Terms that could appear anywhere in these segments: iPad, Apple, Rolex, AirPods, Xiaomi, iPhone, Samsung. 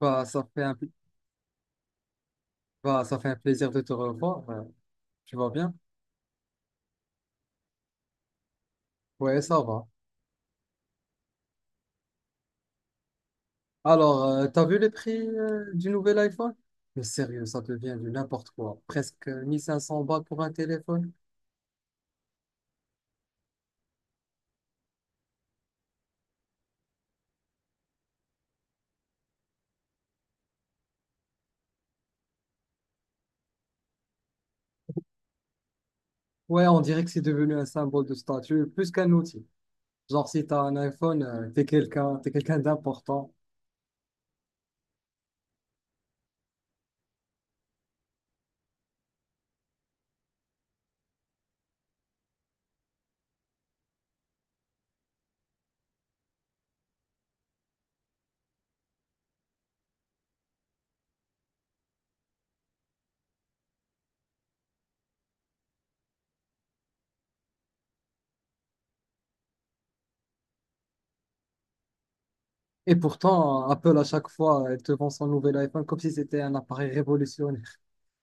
Bah, ça fait un plaisir de te revoir. Tu vas bien? Ouais, ça va. Alors, t'as vu les prix du nouvel iPhone? Mais sérieux, ça devient du n'importe quoi. Presque 1500 balles pour un téléphone. Ouais, on dirait que c'est devenu un symbole de statut plus qu'un outil. Genre, si t'as un iPhone, t'es quelqu'un d'important. Et pourtant, Apple, à chaque fois, elle te vend son nouvel iPhone comme si c'était un appareil révolutionnaire.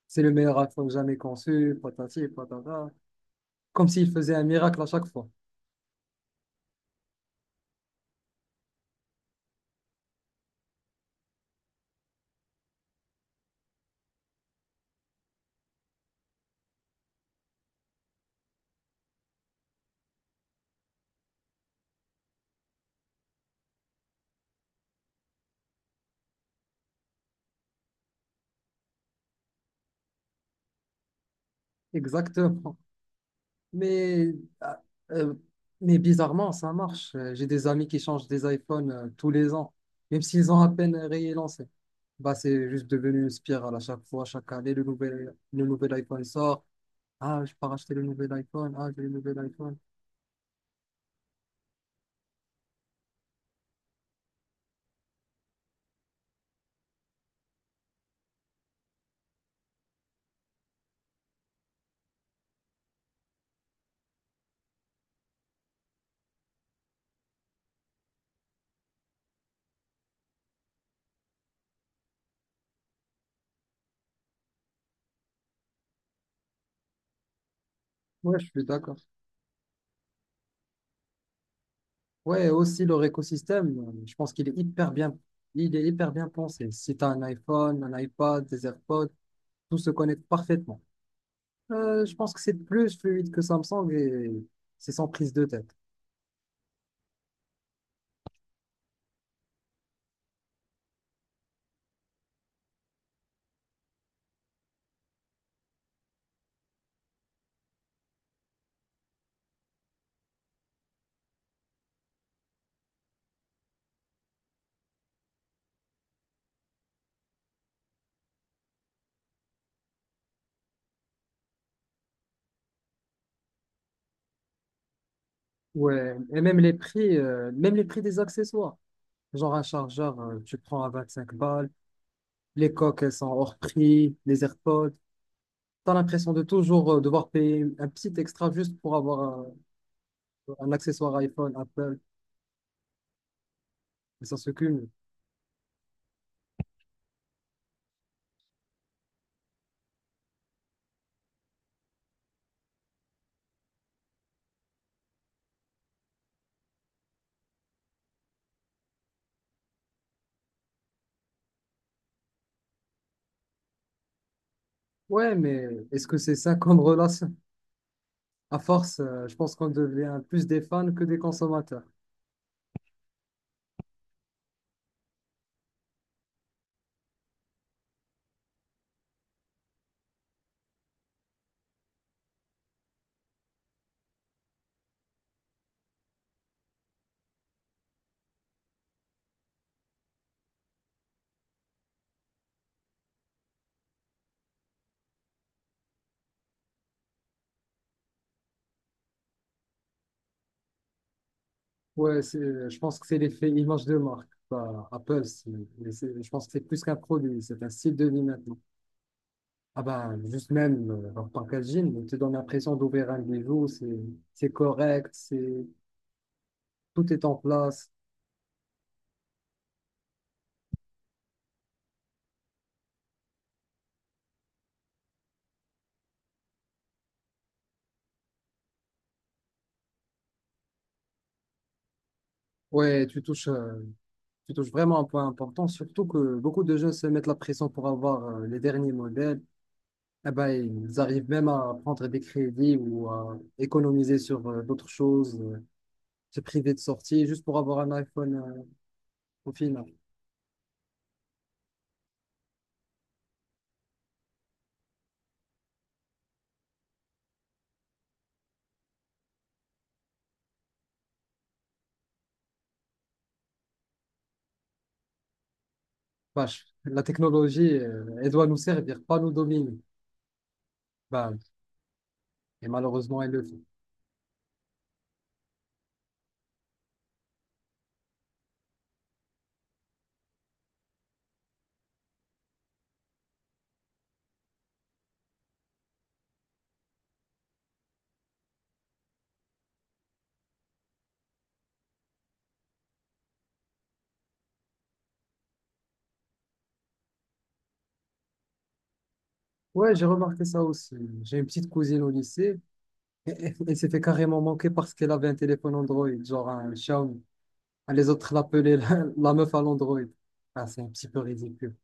C'est le meilleur iPhone jamais conçu, patati, patata. Comme s'il faisait un miracle à chaque fois. Exactement. Mais, euh, euh, mais, bizarrement, ça marche. J'ai des amis qui changent des iPhones tous les ans, même s'ils ont à peine réélancé. Bah, c'est juste devenu une spirale à chaque fois, chaque année, le nouvel iPhone sort. Ah, je peux racheter le nouvel iPhone. Ah, j'ai le nouvel iPhone. Ouais, je suis d'accord. Ouais, aussi leur écosystème, je pense qu'il est hyper bien, pensé. Si tu as un iPhone, un iPad, des AirPods, tout se connecte parfaitement. Je pense que c'est plus fluide que Samsung et c'est sans prise de tête. Ouais, et même les prix des accessoires. Genre un chargeur, tu prends à 25 balles, les coques, elles sont hors prix, les AirPods. T'as l'impression de toujours devoir payer un petit extra juste pour avoir un accessoire iPhone, Apple, mais ça se cumule. Ouais, mais est-ce que c'est ça comme relation? À force, je pense qu'on devient plus des fans que des consommateurs. Ouais, je pense que c'est l'effet image de marque. Bah, Apple, je pense que c'est plus qu'un produit, c'est un style de vie maintenant. Ah bah, juste même leur packaging, on te donne l'impression d'ouvrir un bijou, c'est correct, c'est tout est en place. Ouais, tu touches vraiment un point important, surtout que beaucoup de jeunes se mettent la pression pour avoir les derniers modèles. Eh ben, ils arrivent même à prendre des crédits ou à économiser sur d'autres choses, se priver de sorties juste pour avoir un iPhone au final. Vache, la technologie, elle doit nous servir, pas nous dominer. Ben, et malheureusement, elle le fait. Ouais, j'ai remarqué ça aussi. J'ai une petite cousine au lycée, elle s'est fait carrément manquer parce qu'elle avait un téléphone Android, genre un Xiaomi. Ah, les autres l'appelaient la, la meuf à l'Android. Ah, c'est un petit peu ridicule.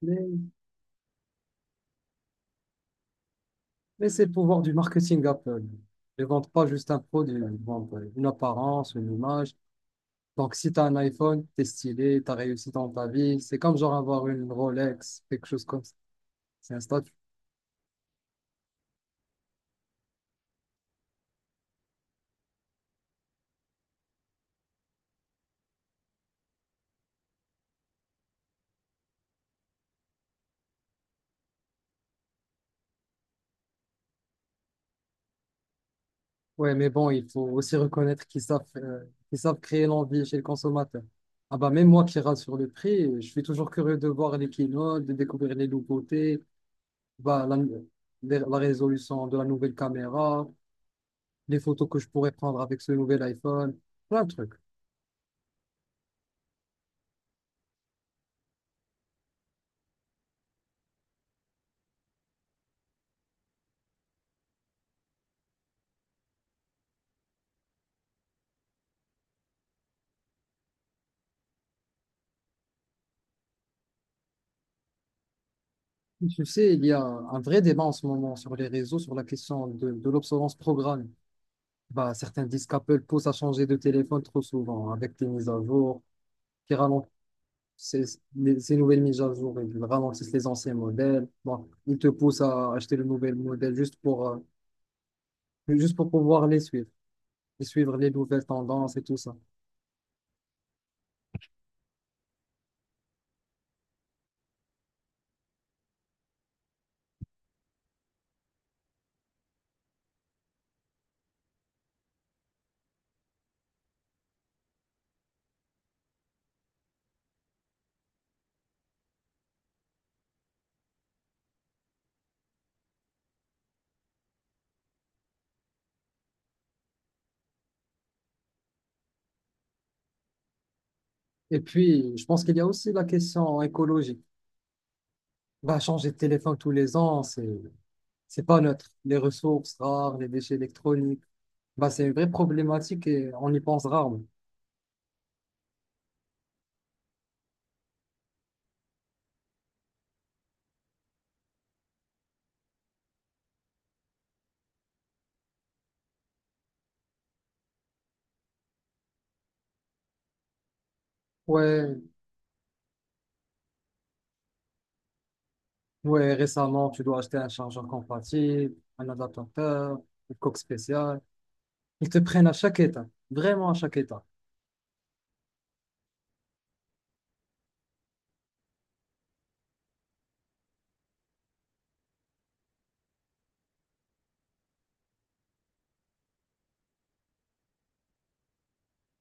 Mais, mais, c'est le pouvoir du marketing Apple. Ils ne vendent pas juste un produit, ils vendent une apparence, une image. Donc, si tu as un iPhone, tu es stylé, tu as réussi dans ta vie. C'est comme genre avoir une Rolex, quelque chose comme ça. C'est un statut. Ouais, mais bon, il faut aussi reconnaître qu'ils savent, créer l'envie chez le consommateur. Ah bah, même moi qui rate sur le prix, je suis toujours curieux de voir les quinoa, de découvrir les nouveautés. Bah, la résolution de la nouvelle caméra, les photos que je pourrais prendre avec ce nouvel iPhone, plein de trucs. Tu sais, il y a un vrai débat en ce moment sur les réseaux sur la question de l'obsolescence programmée. Bah, certains disent qu'Apple pousse à changer de téléphone trop souvent avec les mises à jour qui ralentissent ces, ces nouvelles mises à jour, ils ralentissent les anciens modèles. Bon, ils te poussent à acheter le nouvel modèle juste pour pouvoir les suivre, et suivre les nouvelles tendances et tout ça. Et puis, je pense qu'il y a aussi la question écologique. Bah, changer de téléphone tous les ans, c'est pas neutre. Les ressources rares, les déchets électroniques, bah, c'est une vraie problématique et on y pense rarement. Ouais, ouais, récemment, tu dois acheter un chargeur compatible, un adaptateur, une coque spéciale. Ils te prennent à chaque état, vraiment à chaque état.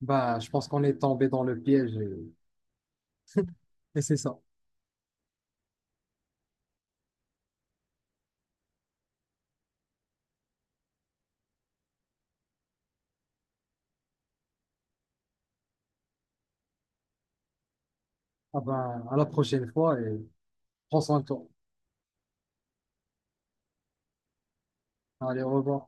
Bah, je pense qu'on est tombé dans le piège, et c'est ça. Ah ben, à la prochaine fois et prends soin de toi. Allez, au revoir.